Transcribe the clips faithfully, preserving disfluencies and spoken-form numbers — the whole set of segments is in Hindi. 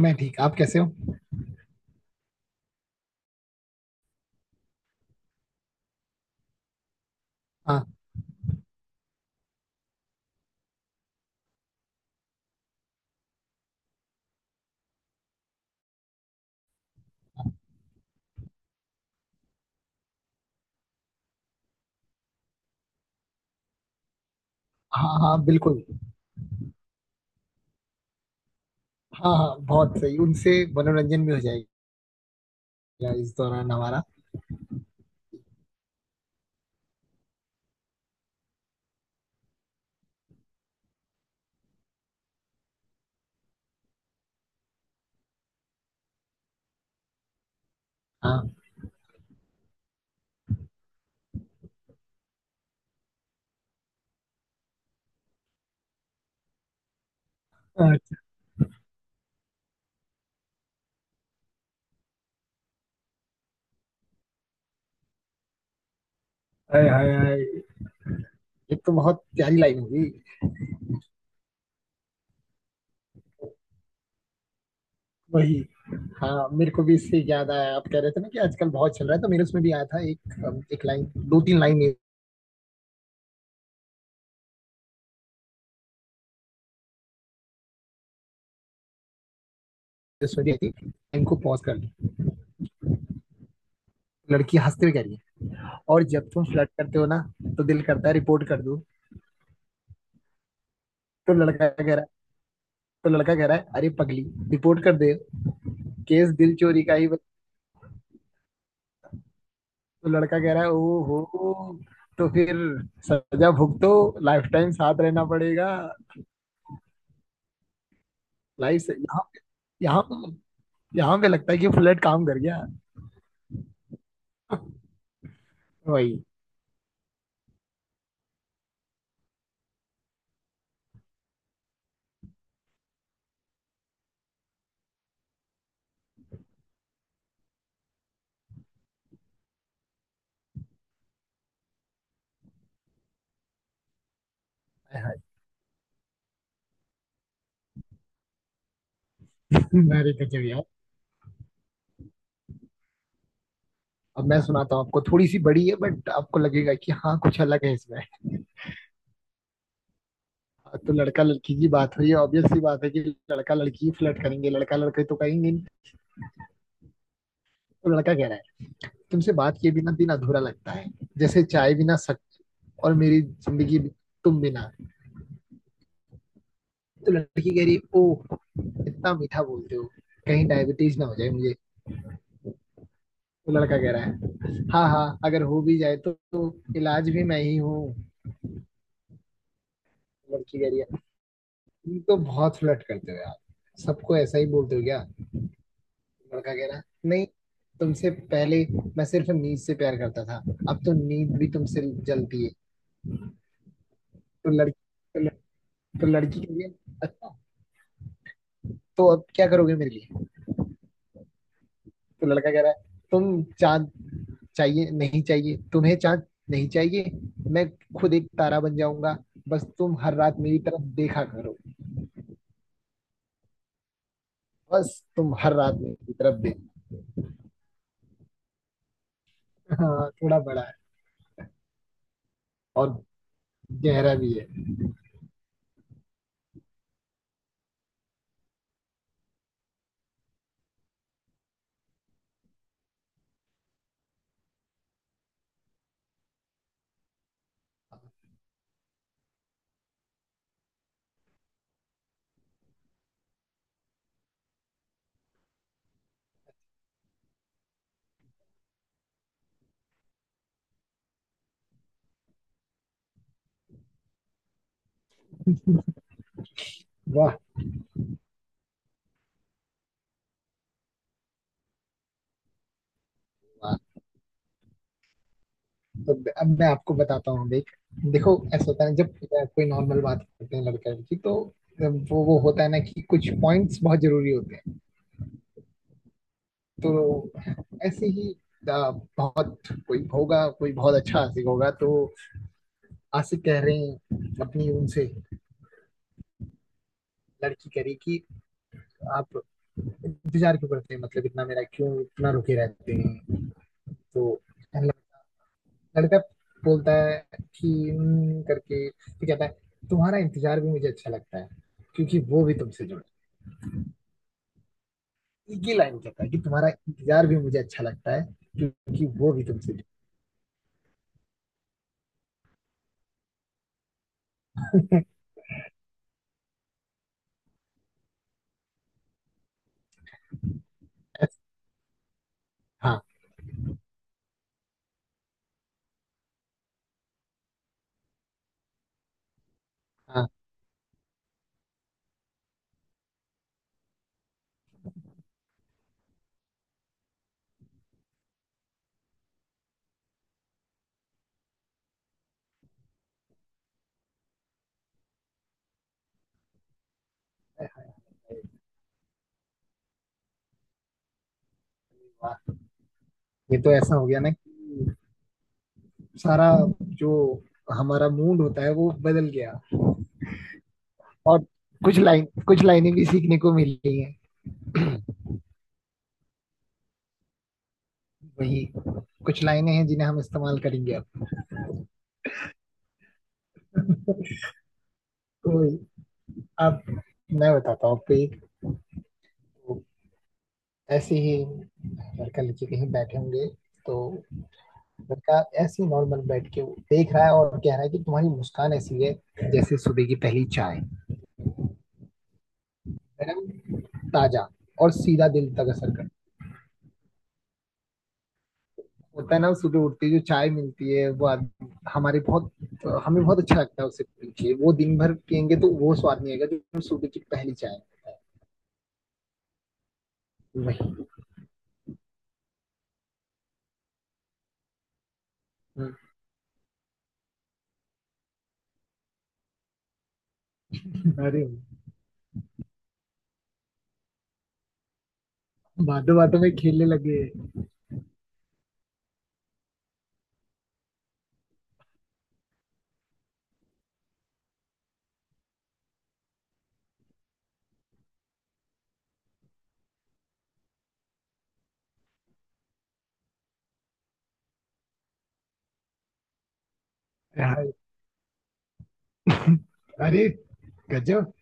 मैं ठीक। आप कैसे हो? हाँ हाँ हाँ, बिल्कुल। हाँ हाँ, बहुत सही। उनसे मनोरंजन भी हो जाएगा इस दौरान हमारा। हाँ। अच्छा। हाय हाय हाय, ये तो बहुत प्यारी लाइन होगी। वही। हाँ, मेरे को भी इससे याद आया। आप कह रहे थे ना कि आजकल बहुत चल रहा है, तो मेरे उसमें भी आया था एक एक लाइन, दो तीन लाइन मेरे उसमें भी आई थी। लाइन को पॉज कर ली। लड़की हंसते हुए कह रही है, और जब तुम फ्लर्ट करते हो ना, तो दिल करता है रिपोर्ट कर दूं। तो लड़का कह रहा है तो लड़का कह रहा है, अरे पगली, रिपोर्ट कर दे, केस दिल चोरी का ही। तो लड़का कह रहा है, ओ हो, तो फिर सजा भुगतो, लाइफ टाइम साथ रहना पड़ेगा। लाइफ से यहाँ पे- यहाँ पे- यहाँ पे लगता है कि फ्लर्ट काम कर गया। वही। हाय हाय। अरे गजब यार। अब मैं सुनाता हूँ आपको, थोड़ी सी बड़ी है बट आपको लगेगा कि हाँ कुछ अलग है इसमें। तो लड़का लड़की की बात हुई। ऑब्वियस सी बात है कि लड़का लड़की फ्लर्ट करेंगे, लड़का लड़के तो कहेंगे नहीं। तो लड़का कह रहा है, तुमसे बात किए बिना दिन अधूरा लगता है, जैसे चाय बिना सक। और मेरी जिंदगी भी तुम बिना। तो लड़की कह रही है, ओ इतना मीठा बोलते हो, कहीं डायबिटीज ना हो जाए मुझे। वो लड़का कह रहा है, हाँ हाँ, अगर हो भी जाए तो, तो इलाज भी मैं ही हूँ। लड़की कह रही है, तुम तो बहुत फ्लर्ट करते हो यार, सबको ऐसा ही बोलते हो क्या? लड़का कह रहा है, नहीं, तुमसे पहले मैं सिर्फ नींद से प्यार करता था, अब तो नींद भी तुमसे जलती है। तो लड़की तो, लड़, तो लड़की कह रही है, अच्छा तो अब क्या करोगे मेरे लिए? तो लड़का कह रहा है, तुम चांद चाहिए? नहीं चाहिए तुम्हें चांद, नहीं चाहिए, मैं खुद एक तारा बन जाऊंगा, बस तुम हर रात मेरी तरफ देखा करो। बस तुम हर रात मेरी तरफ देखो। हाँ थोड़ा बड़ा है। और गहरा भी है। वाह वाह। तो अब मैं आपको बताता हूँ। देख देखो, ऐसा होता है ना, जब कोई नॉर्मल बात करते हैं लड़का लड़की, तो वो वो होता है ना कि कुछ पॉइंट्स बहुत जरूरी होते हैं। तो ऐसे ही, आ, बहुत कोई होगा, कोई बहुत अच्छा आशिक होगा, तो आशिक कह रहे हैं अपनी उनसे। लड़की करी कि आप इंतजार क्यों करते हैं, मतलब इतना मेरा क्यों, इतना रुके रहते हैं। तो लड़का बोलता है कि "हम्म," करके तो कहता है, तुम्हारा इंतजार भी मुझे अच्छा लगता है, क्योंकि वो भी तुमसे जुड़े। ये लाइन कहता है कि तुम्हारा इंतजार भी मुझे अच्छा लगता है, क्योंकि वो भी तुमसे जुड़े। हाँ हाँ, वाह। ये तो ऐसा हो गया ना कि सारा जो हमारा मूड होता है वो बदल गया। और कुछ लाइन कुछ लाइनें भी सीखने को मिली हैं। वही। कुछ लाइनें हैं जिन्हें हम इस्तेमाल करेंगे अब। तो अब मैं बताता हूँ आपको एक। तो ऐसे ही लड़का लड़की कहीं बैठे होंगे, तो लड़का ऐसे ही नॉर्मल बैठ के देख रहा है और कह रहा है कि तुम्हारी मुस्कान ऐसी है, जैसे सुबह की पहली चाय, गर्म, ताजा, और सीधा दिल तक असर करता है। होता है ना, सुबह उठते जो चाय मिलती है वो आद- हमारे बहुत हमें बहुत अच्छा लगता है, उसे पीछे वो दिन भर पियेंगे तो वो स्वाद नहीं आएगा जो सुबह की पहली चाय है। वही। हम्म। अरे, बातों बातों में खेलने लगे। यार, अरे गजब।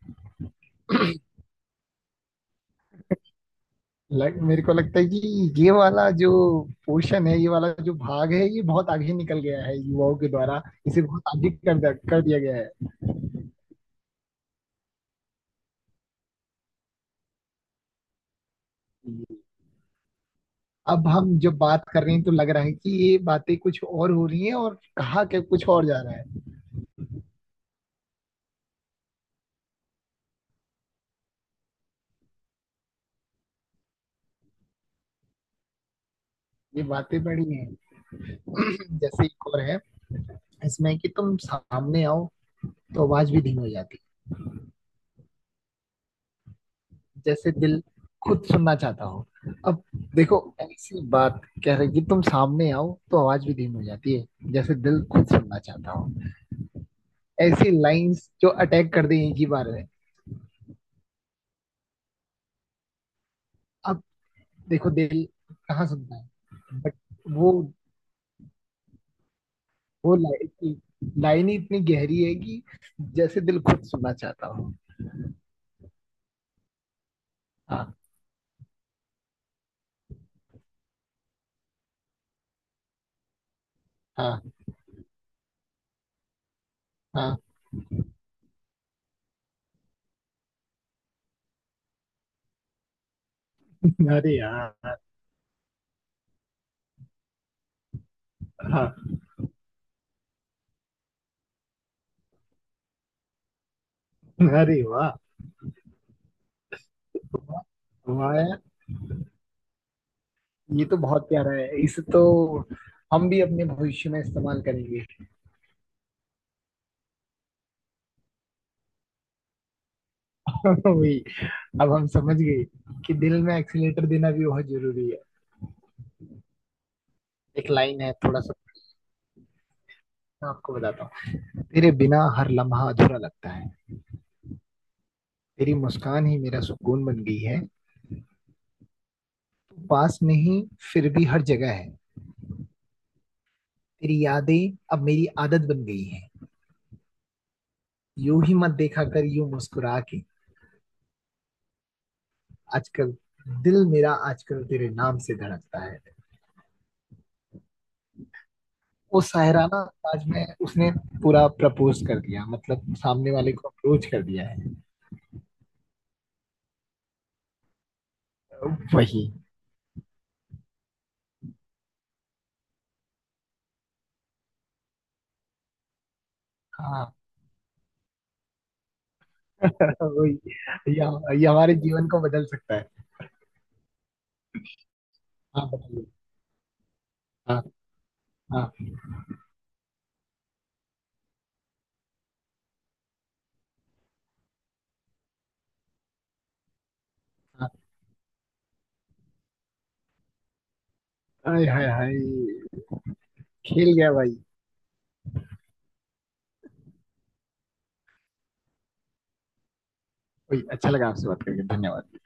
लग, मेरे को लगता है कि ये वाला जो पोर्शन है, ये वाला जो भाग है, ये बहुत आगे निकल गया है युवाओं के द्वारा। इसे बहुत आगे कर द- कर दिया गया है। अब हम जब बात कर रहे हैं तो लग रहा है कि ये बातें कुछ और हो रही हैं, और कहा के कुछ और जा रहा है। ये बातें बड़ी हैं। जैसे एक और है इसमें, कि तुम सामने आओ तो आवाज भी धीमी हो जाती है, जैसे दिल खुद सुनना चाहता हो। अब देखो, ऐसी बात कह रही कि तुम सामने आओ तो आवाज भी धीमी हो जाती है, जैसे दिल खुद सुनना चाहता हो। ऐसी लाइंस जो अटैक कर दें एक ही बार में। अब देखो, दिल कहाँ सुनता है, बट वो वो लाइन लाइन ही इतनी गहरी है कि जैसे दिल खुद सुनना चाहता हो। हाँ हाँ हाँ। अरे यार। हाँ। अरे वाह। वाह यार, ये तो बहुत प्यारा है, इसे तो हम भी अपने भविष्य में इस्तेमाल करेंगे। वही। अब हम समझ गए कि दिल में एक्सीलेटर देना भी बहुत जरूरी है। एक लाइन है थोड़ा सा, मैं आपको बताता हूँ। तेरे बिना हर लम्हा अधूरा लगता है, तेरी मुस्कान ही मेरा सुकून बन गई है, तू पास नहीं फिर भी हर जगह है, तेरी यादें अब मेरी आदत बन गई है, यूं ही मत देखा कर यूं मुस्कुरा के, आजकल दिल मेरा, आजकल तेरे नाम से धड़कता है। वो शायराना अंदाज में उसने पूरा प्रपोज कर दिया, मतलब सामने वाले को अप्रोच कर दिया है। वही। हाँ। वही। ये ये हमारे जीवन को बदल सकता है। हाँ बताइए। हाँ हाँ। हाँ। हाय हाय हाय, खेल गया भाई। वही। अच्छा लगा आपसे बात करके, धन्यवाद।